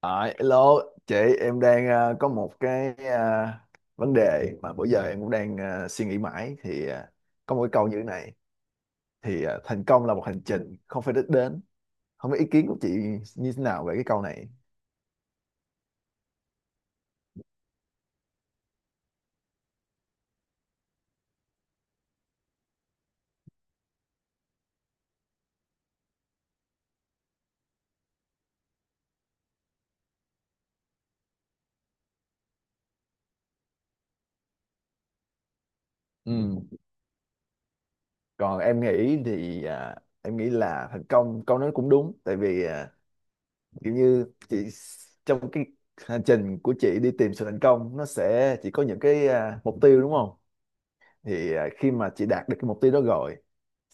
À, hello chị. Em đang có một cái vấn đề mà bữa giờ em cũng đang suy nghĩ mãi, thì có một cái câu như thế này, thì thành công là một hành trình không phải đích đến. Không biết ý kiến của chị như thế nào về cái câu này. Ừ. Còn em nghĩ là thành công câu nói cũng đúng, tại vì kiểu như trong cái hành trình của chị đi tìm sự thành công, nó sẽ chỉ có những cái mục tiêu, đúng không? Thì khi mà chị đạt được cái mục tiêu đó rồi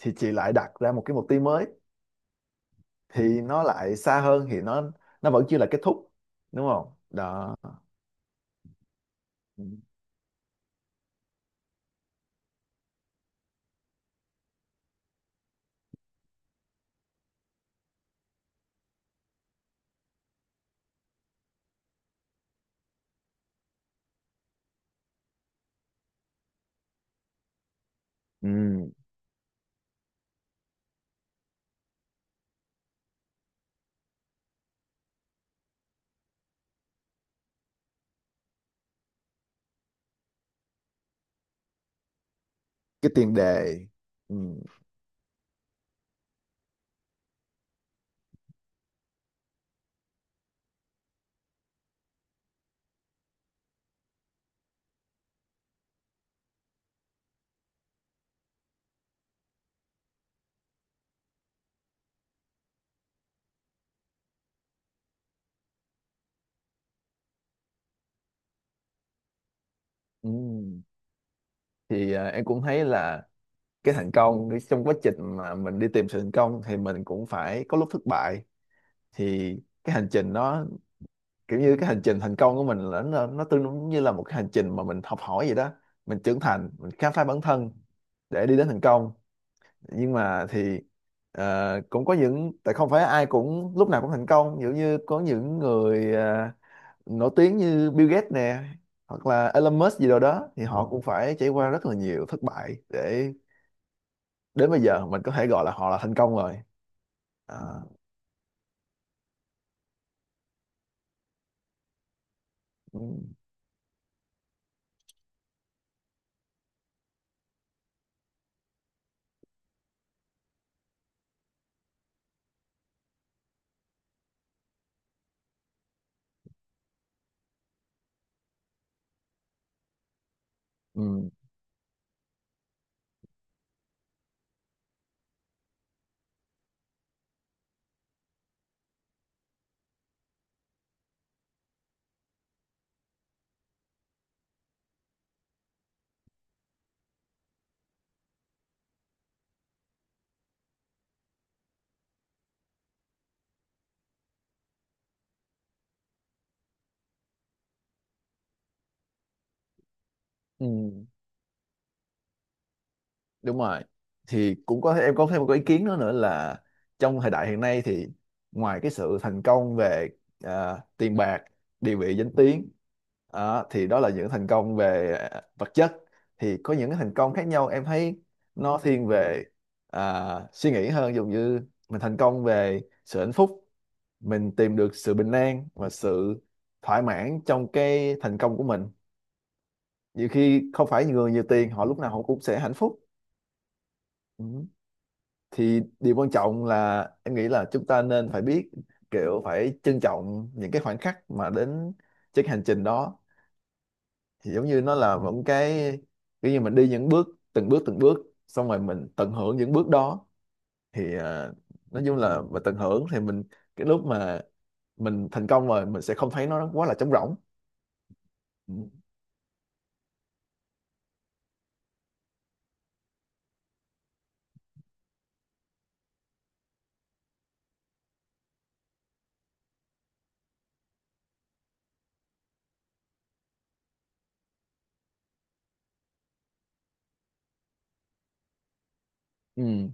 thì chị lại đặt ra một cái mục tiêu mới, thì nó lại xa hơn, thì nó vẫn chưa là kết thúc, đúng không đó? Ừ. Cái tiền đề. Ừ. Ừ. Thì em cũng thấy là cái thành công trong quá trình mà mình đi tìm sự thành công thì mình cũng phải có lúc thất bại. Thì cái hành trình nó kiểu như cái hành trình thành công của mình là nó tương đương như là một cái hành trình mà mình học hỏi vậy đó. Mình trưởng thành, mình khám phá bản thân để đi đến thành công. Nhưng mà thì cũng có những tại không phải ai cũng lúc nào cũng thành công, giống như có những người nổi tiếng như Bill Gates nè, hoặc là Elon Musk gì đâu đó thì họ cũng phải trải qua rất là nhiều thất bại để đến bây giờ mình có thể gọi là họ là thành công rồi. À. Ừ. Ừ. Ừ. Đúng rồi. Thì cũng có em có thêm một cái ý kiến nữa nữa là trong thời đại hiện nay thì ngoài cái sự thành công về tiền bạc, địa vị, danh tiếng, thì đó là những thành công về vật chất. Thì có những cái thành công khác nhau em thấy nó thiên về à, suy nghĩ hơn, giống như mình thành công về sự hạnh phúc, mình tìm được sự bình an và sự thỏa mãn trong cái thành công của mình. Nhiều khi không phải người nhiều tiền họ lúc nào họ cũng sẽ hạnh phúc. Ừ, thì điều quan trọng là em nghĩ là chúng ta nên phải biết kiểu phải trân trọng những cái khoảnh khắc mà đến trên cái hành trình đó. Thì giống như nó là một cái kiểu như mình đi những bước, từng bước từng bước, xong rồi mình tận hưởng những bước đó. Thì nói chung là mà tận hưởng thì mình cái lúc mà mình thành công rồi mình sẽ không thấy nó quá là trống rỗng. Ừ. Ừ.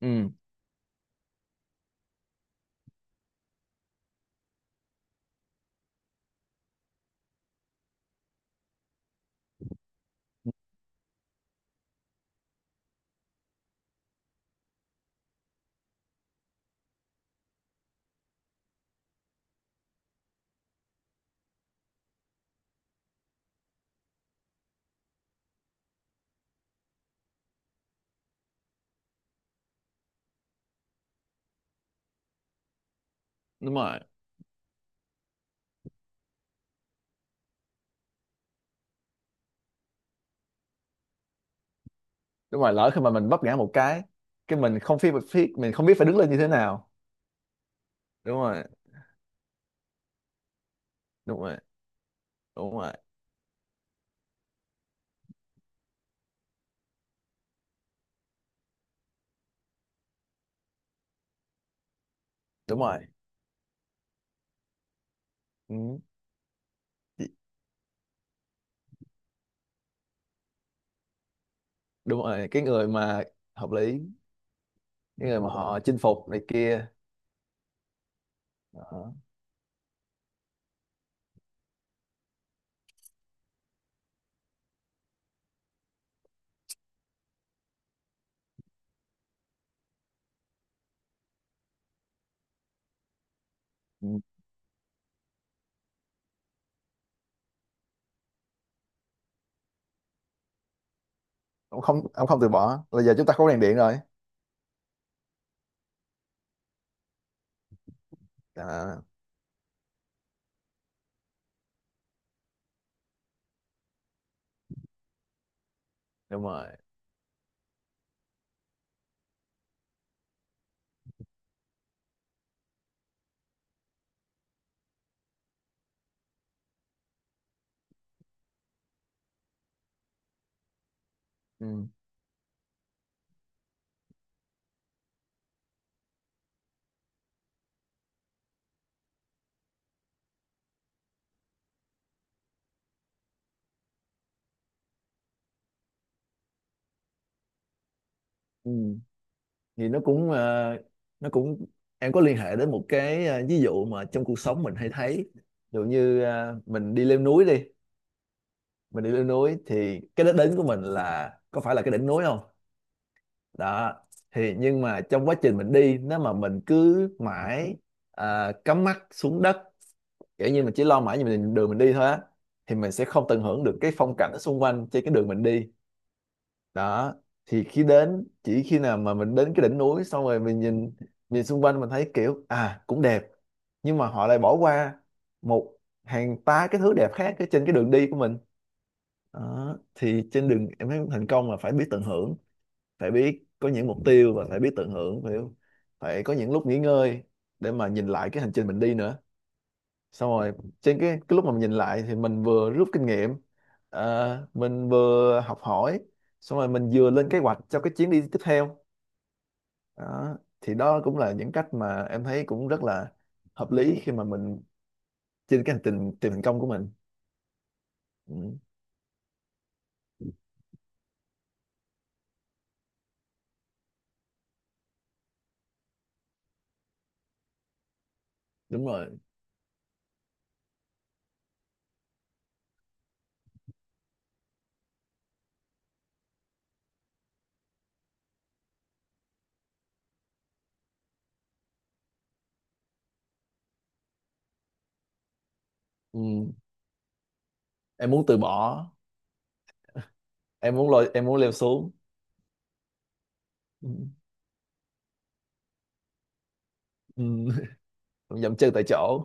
Ừ, đúng rồi. Đúng rồi, lỡ khi mà mình vấp ngã một cái mình không biết phải đứng lên như thế nào. Đúng rồi. Đúng rồi. Đúng rồi. Đúng rồi. Ừ. chị- Đúng rồi, cái người mà hợp lý, cái người mà họ chinh phục này kia. Đó. Ừ. ông không từ bỏ là giờ chúng ta có đèn điện rồi. À, đúng rồi. Ừ. Ừ. Thì nó cũng ờ, nó cũng em có liên hệ đến một cái ví dụ mà trong cuộc sống mình hay thấy, ví dụ như mình đi leo núi đi. Mình đi leo núi thì cái đích đến của mình là có phải là cái đỉnh núi không? Đó. Thì nhưng mà trong quá trình mình đi, nếu mà mình cứ mãi cắm mắt xuống đất, kiểu như mình chỉ lo mãi về mình đường mình đi thôi á, thì mình sẽ không tận hưởng được cái phong cảnh ở xung quanh trên cái đường mình đi. Đó. Thì khi đến chỉ khi nào mà mình đến cái đỉnh núi xong rồi mình nhìn nhìn xung quanh mình thấy kiểu à cũng đẹp, nhưng mà họ lại bỏ qua một hàng tá cái thứ đẹp khác ở trên cái đường đi của mình. Đó. Thì trên đường em thấy thành công là phải biết tận hưởng, phải biết có những mục tiêu và phải biết tận hưởng, phải phải có những lúc nghỉ ngơi để mà nhìn lại cái hành trình mình đi nữa. Xong rồi trên cái lúc mà mình nhìn lại thì mình vừa rút kinh nghiệm, mình vừa học hỏi, xong rồi mình vừa lên kế hoạch cho cái chuyến đi tiếp theo. Đó. Thì đó cũng là những cách mà em thấy cũng rất là hợp lý khi mà mình trên cái hành trình tìm thành công của mình. Ừ, đúng rồi. Ừ. Em muốn từ bỏ, em muốn lôi em muốn leo xuống. Ừ. Ừ. Dậm chân tại chỗ.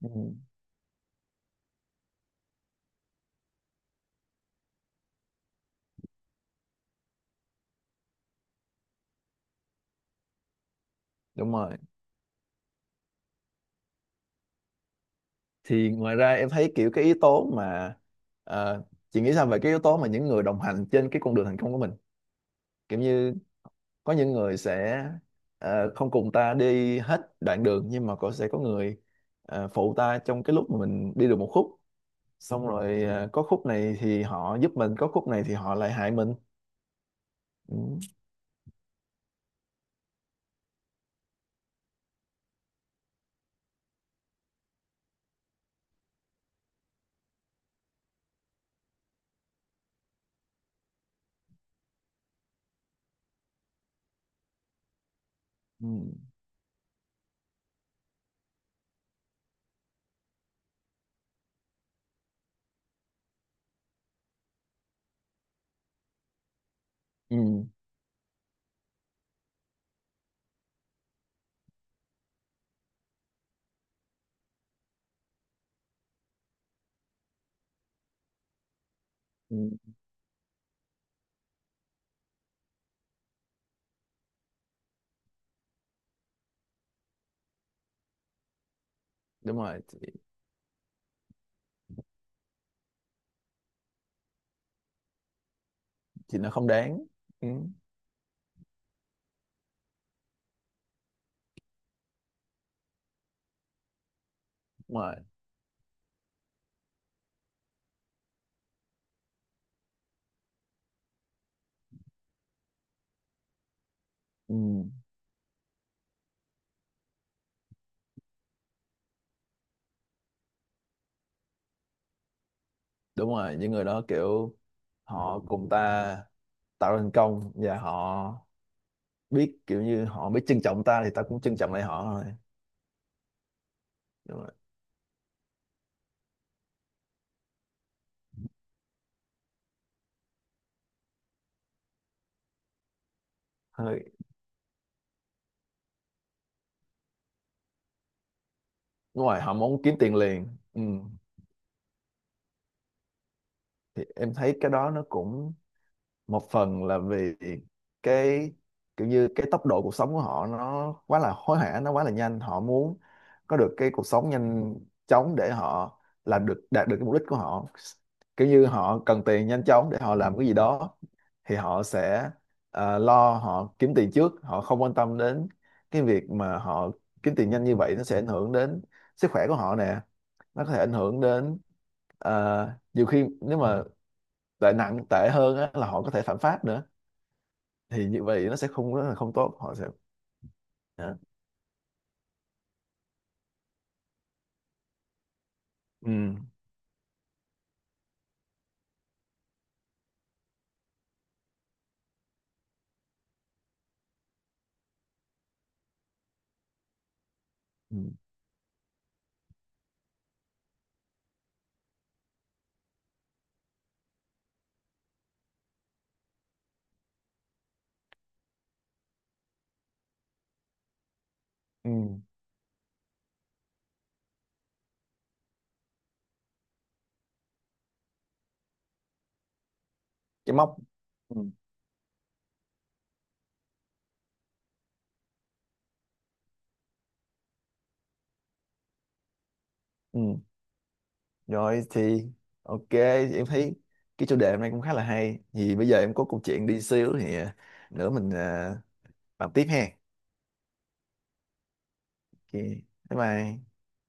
Ừ. Đúng rồi. Thì ngoài ra em thấy kiểu cái yếu tố mà ờ, chị nghĩ sao về cái yếu tố mà những người đồng hành trên cái con đường thành công của mình, kiểu như có những người sẽ không cùng ta đi hết đoạn đường, nhưng mà có sẽ có người phụ ta trong cái lúc mà mình đi được một khúc, xong rồi có khúc này thì họ giúp mình, có khúc này thì họ lại hại mình. Ừ. Ừ. Ừ. Ừ. Đúng rồi. Thì nó không đáng. Ừ. Đúng rồi. Ừ. Đúng rồi, những người đó kiểu họ cùng ta tạo thành công và họ biết, kiểu như họ biết trân trọng ta thì ta cũng trân trọng lại họ thôi. Đúng rồi. Hơi. Ngoài họ muốn kiếm tiền liền. Ừ. Thì em thấy cái đó nó cũng một phần là vì cái kiểu như cái tốc độ cuộc sống của họ nó quá là hối hả, nó quá là nhanh, họ muốn có được cái cuộc sống nhanh chóng để họ làm được đạt được cái mục đích của họ, kiểu như họ cần tiền nhanh chóng để họ làm cái gì đó. Thì họ sẽ lo họ kiếm tiền trước, họ không quan tâm đến cái việc mà họ kiếm tiền nhanh như vậy nó sẽ ảnh hưởng đến sức khỏe của họ nè, nó có thể ảnh hưởng đến nhiều khi nếu mà tệ nặng tệ hơn á, là họ có thể phạm pháp nữa. Thì như vậy nó sẽ không rất là không tốt, họ sẽ. Dạ. Ừ. Ừ. Ừ. Cái móc. Ừ. Ừ. Rồi thì OK, thì em thấy cái chủ đề hôm nay cũng khá là hay, thì bây giờ em có câu chuyện đi xíu thì nữa mình bàn tiếp ha. OK. Bye bye.